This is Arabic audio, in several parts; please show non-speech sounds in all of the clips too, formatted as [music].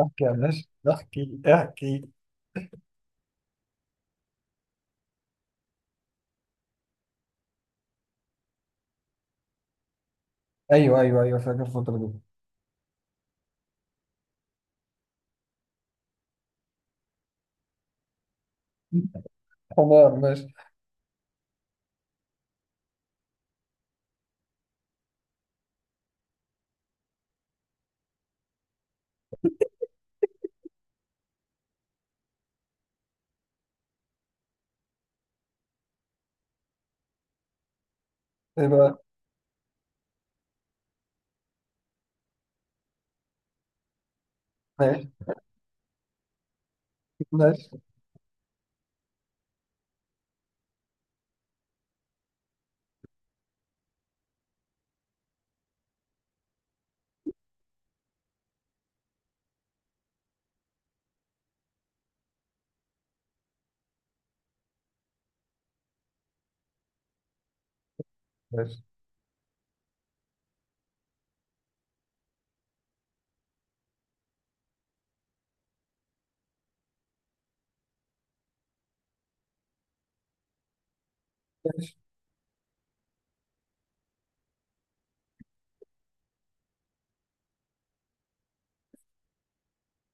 احكي يا باشا. احكي. ايوه، فاكر الفترة دي. تمام، ماشي. ايه بقى. ماشي ماشي ماشي ماشي.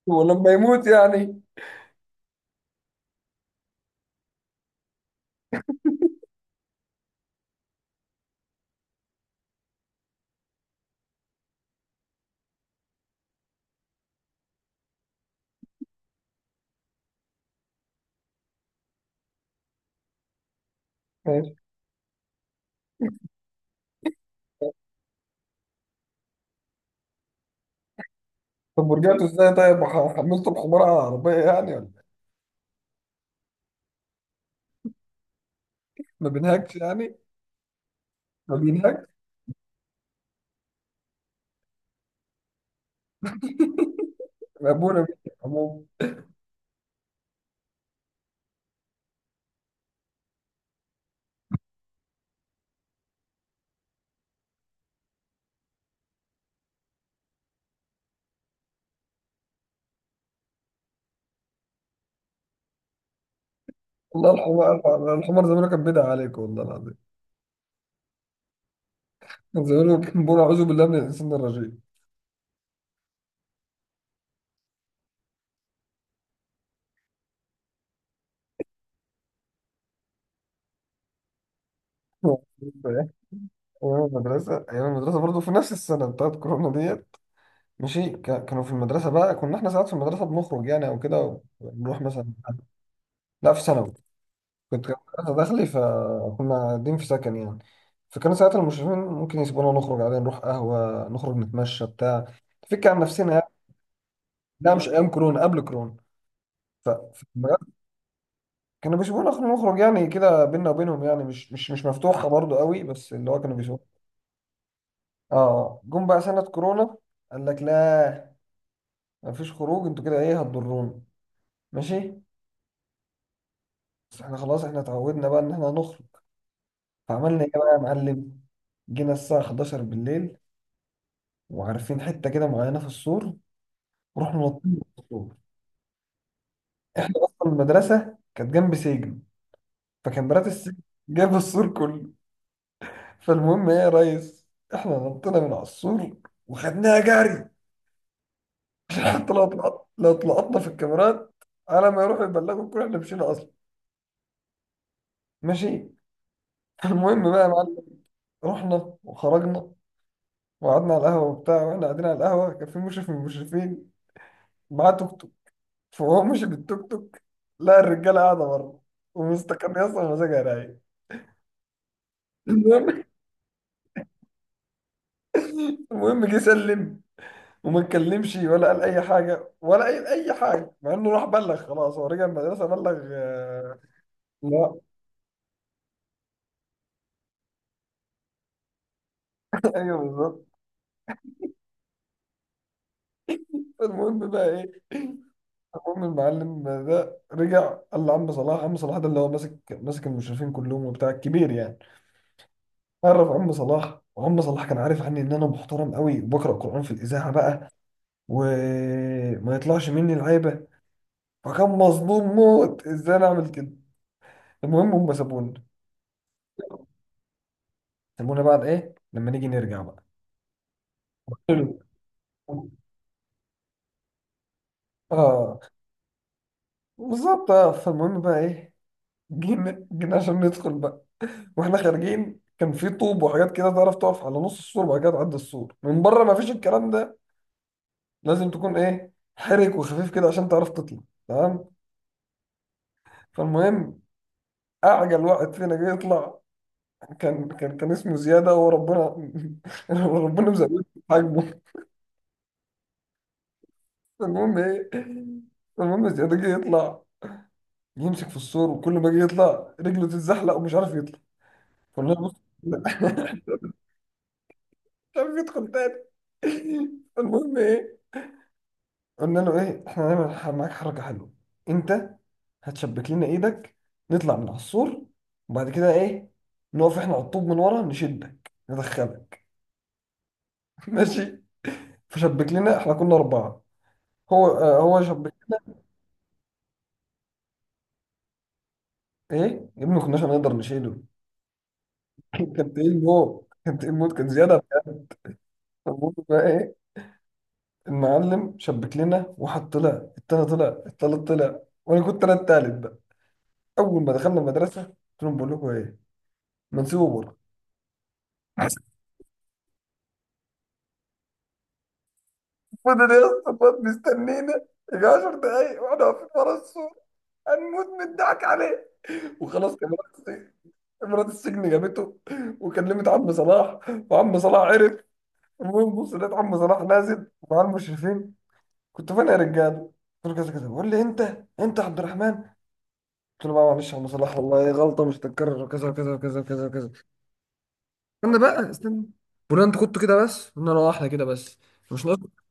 ولما يموت يعني. ماشي. طب ورجعتوا ازاي؟ طيب حملتوا الحمار على العربية يعني ولا إيه؟ ما بينهكش يعني. ما بينهكش. ابونا بيه. عموما والله، الحمار الحمار زمان كان بدع عليك والله العظيم. كان زمان كان بيقول: اعوذ بالله من الانسان الرجيم. [laughs] ايام المدرسة، ايام المدرسة برضه في نفس السنة بتاعت كورونا دي. ماشي. كانوا في المدرسة بقى، كنا احنا ساعات في المدرسة بنخرج يعني او كده ونروح مثلا. لا، في ثانوي. كنت، كانت مدرسة داخلي، فكنا قاعدين في سكن يعني. فكانوا ساعات المشرفين ممكن يسيبونا نخرج عادي، نروح قهوة، نخرج نتمشى بتاع نفك عن نفسنا يعني. لا مش ايام كورونا، قبل كورونا. ف ف- كانوا بيسيبونا نخرج نخرج يعني، كده بينا وبينهم يعني، مش مفتوحة برضو قوي، بس اللي هو كانوا بيسيبونا. اه جم بقى سنة كورونا، قال لك لا، مفيش خروج، انتوا كده ايه هتضرونا. ماشي. بس احنا خلاص احنا اتعودنا بقى ان احنا نخرج. فعملنا ايه بقى يا معلم؟ جينا الساعة 11 بالليل، وعارفين حتة كده معينة في السور، ورحنا نطينا من السور. احنا اصلا المدرسة كانت جنب سجن، فكان مرات السجن جايبه السور كله. فالمهم ايه يا ريس، احنا نطينا من على السور وخدناها جري، عشان حتى لو طلعت، لو اتلقطنا في الكاميرات، على ما يروحوا يبلغوا الكل احنا مشينا اصلا. ماشي. المهم بقى يا معلم، رحنا وخرجنا وقعدنا على القهوة وبتاع. واحنا قاعدين على القهوة كان في مشرف من المشرفين معاه توك توك، فهو مشي بالتوك توك، لقى الرجاله قاعده بره ومستكان يا اسطى مزاجها رايق. المهم المهم جه سلم وما اتكلمش ولا قال اي حاجه ولا قال اي حاجه، مع انه راح بلغ. خلاص، هو رجع المدرسه بلغ. لا. [laughs] ايوه بالظبط. المهم بقى ايه، المهم المعلم ده رجع قال لعم صلاح. عم صلاح ده اللي هو ماسك، ماسك المشرفين كلهم وبتاع، الكبير يعني. عرف عم صلاح، وعم صلاح كان عارف عني ان انا محترم قوي وبقرا قران في الاذاعه بقى، وما يطلعش مني العيبه، فكان مظلوم موت ازاي انا اعمل كده. المهم هم سابونا. سابونا بعد ايه لما نيجي نرجع بقى. حلو. اه بالظبط. اه فالمهم بقى ايه، جينا جينا عشان ندخل بقى. واحنا خارجين كان في طوب وحاجات كده تعرف تقف على نص السور وبعد كده تعدي السور من بره، ما فيش الكلام ده، لازم تكون ايه، حرك وخفيف كده عشان تعرف تطلع. تمام. فالمهم، اعجل واحد فينا جه يطلع، كان اسمه زيادة، وربنا [laughs] وربنا مزود في حجمه. المهم ايه، المهم زيادة جه يطلع يمسك في السور، وكل ما جه يطلع رجله تتزحلق ومش عارف يطلع. قلنا له بص [laughs] مش عارف يدخل تاني. المهم ايه، قلنا له ايه، احنا هنعمل معاك حركة حلوة، انت هتشبك لنا ايدك، نطلع من على السور، وبعد كده ايه، نقف احنا على الطوب من ورا نشدك ندخلك. [laughs] ماشي. فشبك لنا، احنا كنا أربعة. هو آه هو شبك. ايه يا ابني، ما كناش هنقدر نشيله. [laughs] كان تقيل موت، كان تقيل موت، كان زياده. فالمهم بقى ايه، المعلم شبك لنا واحد طلع، التاني طلع، التالت طلع، وانا كنت انا التالت بقى. اول ما دخلنا المدرسه قلت لهم: بقول لكم ايه، ما نسيبه بره. [laughs] فضل يا اسطى، فضل مستنينا. يجي 10 دقايق واحنا واقفين ورا السور، هنموت من الضحك عليه. وخلاص كاميرات السجن، كاميرات السجن جابته، وكلمت عم صلاح وعم صلاح عرف. المهم بص لقيت عم صلاح نازل مع المشرفين: كنت فين يا رجاله؟ قلت له كذا كذا، بيقول لي انت انت عبد الرحمن. قلت له بقى معلش يا عم صلاح، والله غلطه مش هتتكرر، وكذا وكذا وكذا وكذا وكذا. استنى بقى استنى، بقول انت كنت كده بس، قلنا له اه احنا كده بس، مش ناقص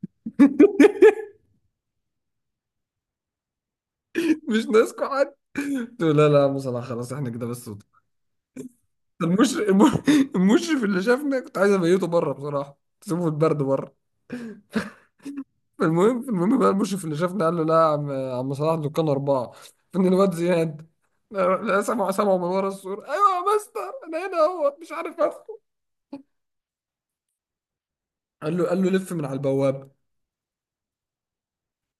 [laughs] مش ناقصكم حد. قلت له لا لا يا عم صلاح، خلاص احنا كده بس. المشرف [laughs] المشرف اللي شافنا كنت عايز ابيته بره بصراحه، تسيبه في البرد بره. المهم بقى، المشرف اللي شافني قال له: لا يا عم، يا عم صلاح، دول كانوا أربعة، فإن الواد زياد. لا، سمعوا سمعوا من ورا السور: أيوة يا مستر، أنا هنا أهوت مش عارف أدخل. قال له، قال له: لف من على البواب.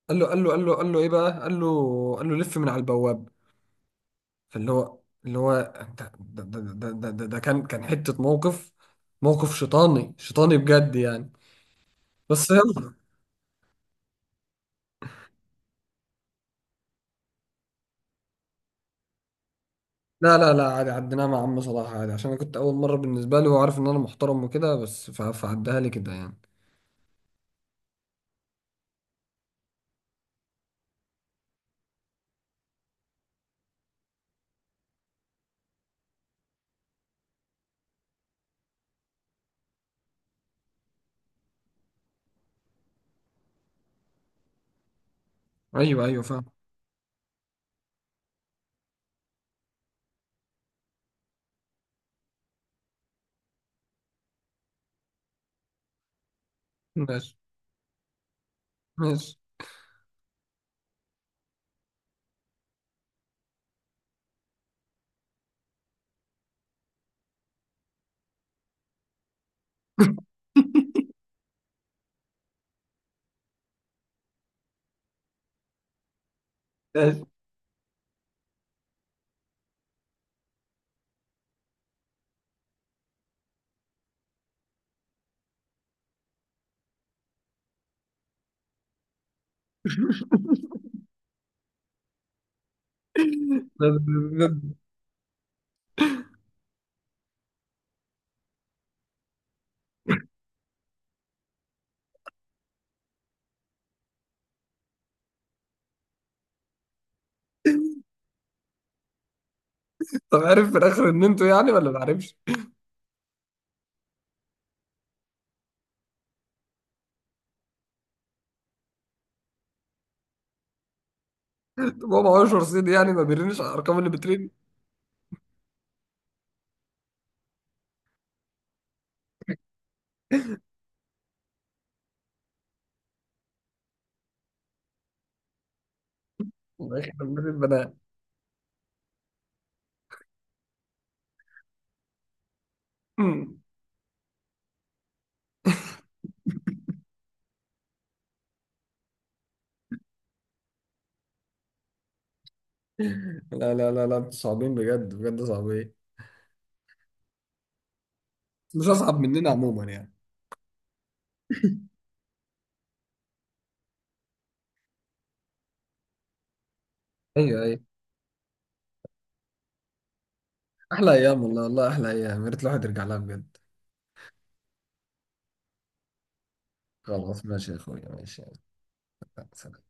قال له إيه بقى، قال له، قال له: لف من على البواب. فاللي هو، اللي هو ده كان، كان حتة موقف، موقف شيطاني، شيطاني بجد يعني. بس يلا. لا لا لا، عادي، عديناها مع عم صلاح عادي، عشان انا كنت اول مره بالنسبه لي وعارف ان انا محترم وكده بس، فعدها لي كده يعني. ايوه ايوه فاهم. ماشي ماشي ماشي. [laughs] طب عارف في الاخر ان انتوا يعني ولا ما عارفش؟ [laughs] طب هو ما هوش رصيد يعني، ما بيرنش على الارقام اللي بترن. في الاخر بنت البنات. أمم. [laughs] لا، انتوا صعبين بجد، بجد صعبين. مش اصعب مننا عموما يعني. ايوه ايوه. احلى ايام والله، والله احلى ايام، يا ريت الواحد يرجع لها بجد. خلاص ماشي يا اخويا، ماشي. سلام.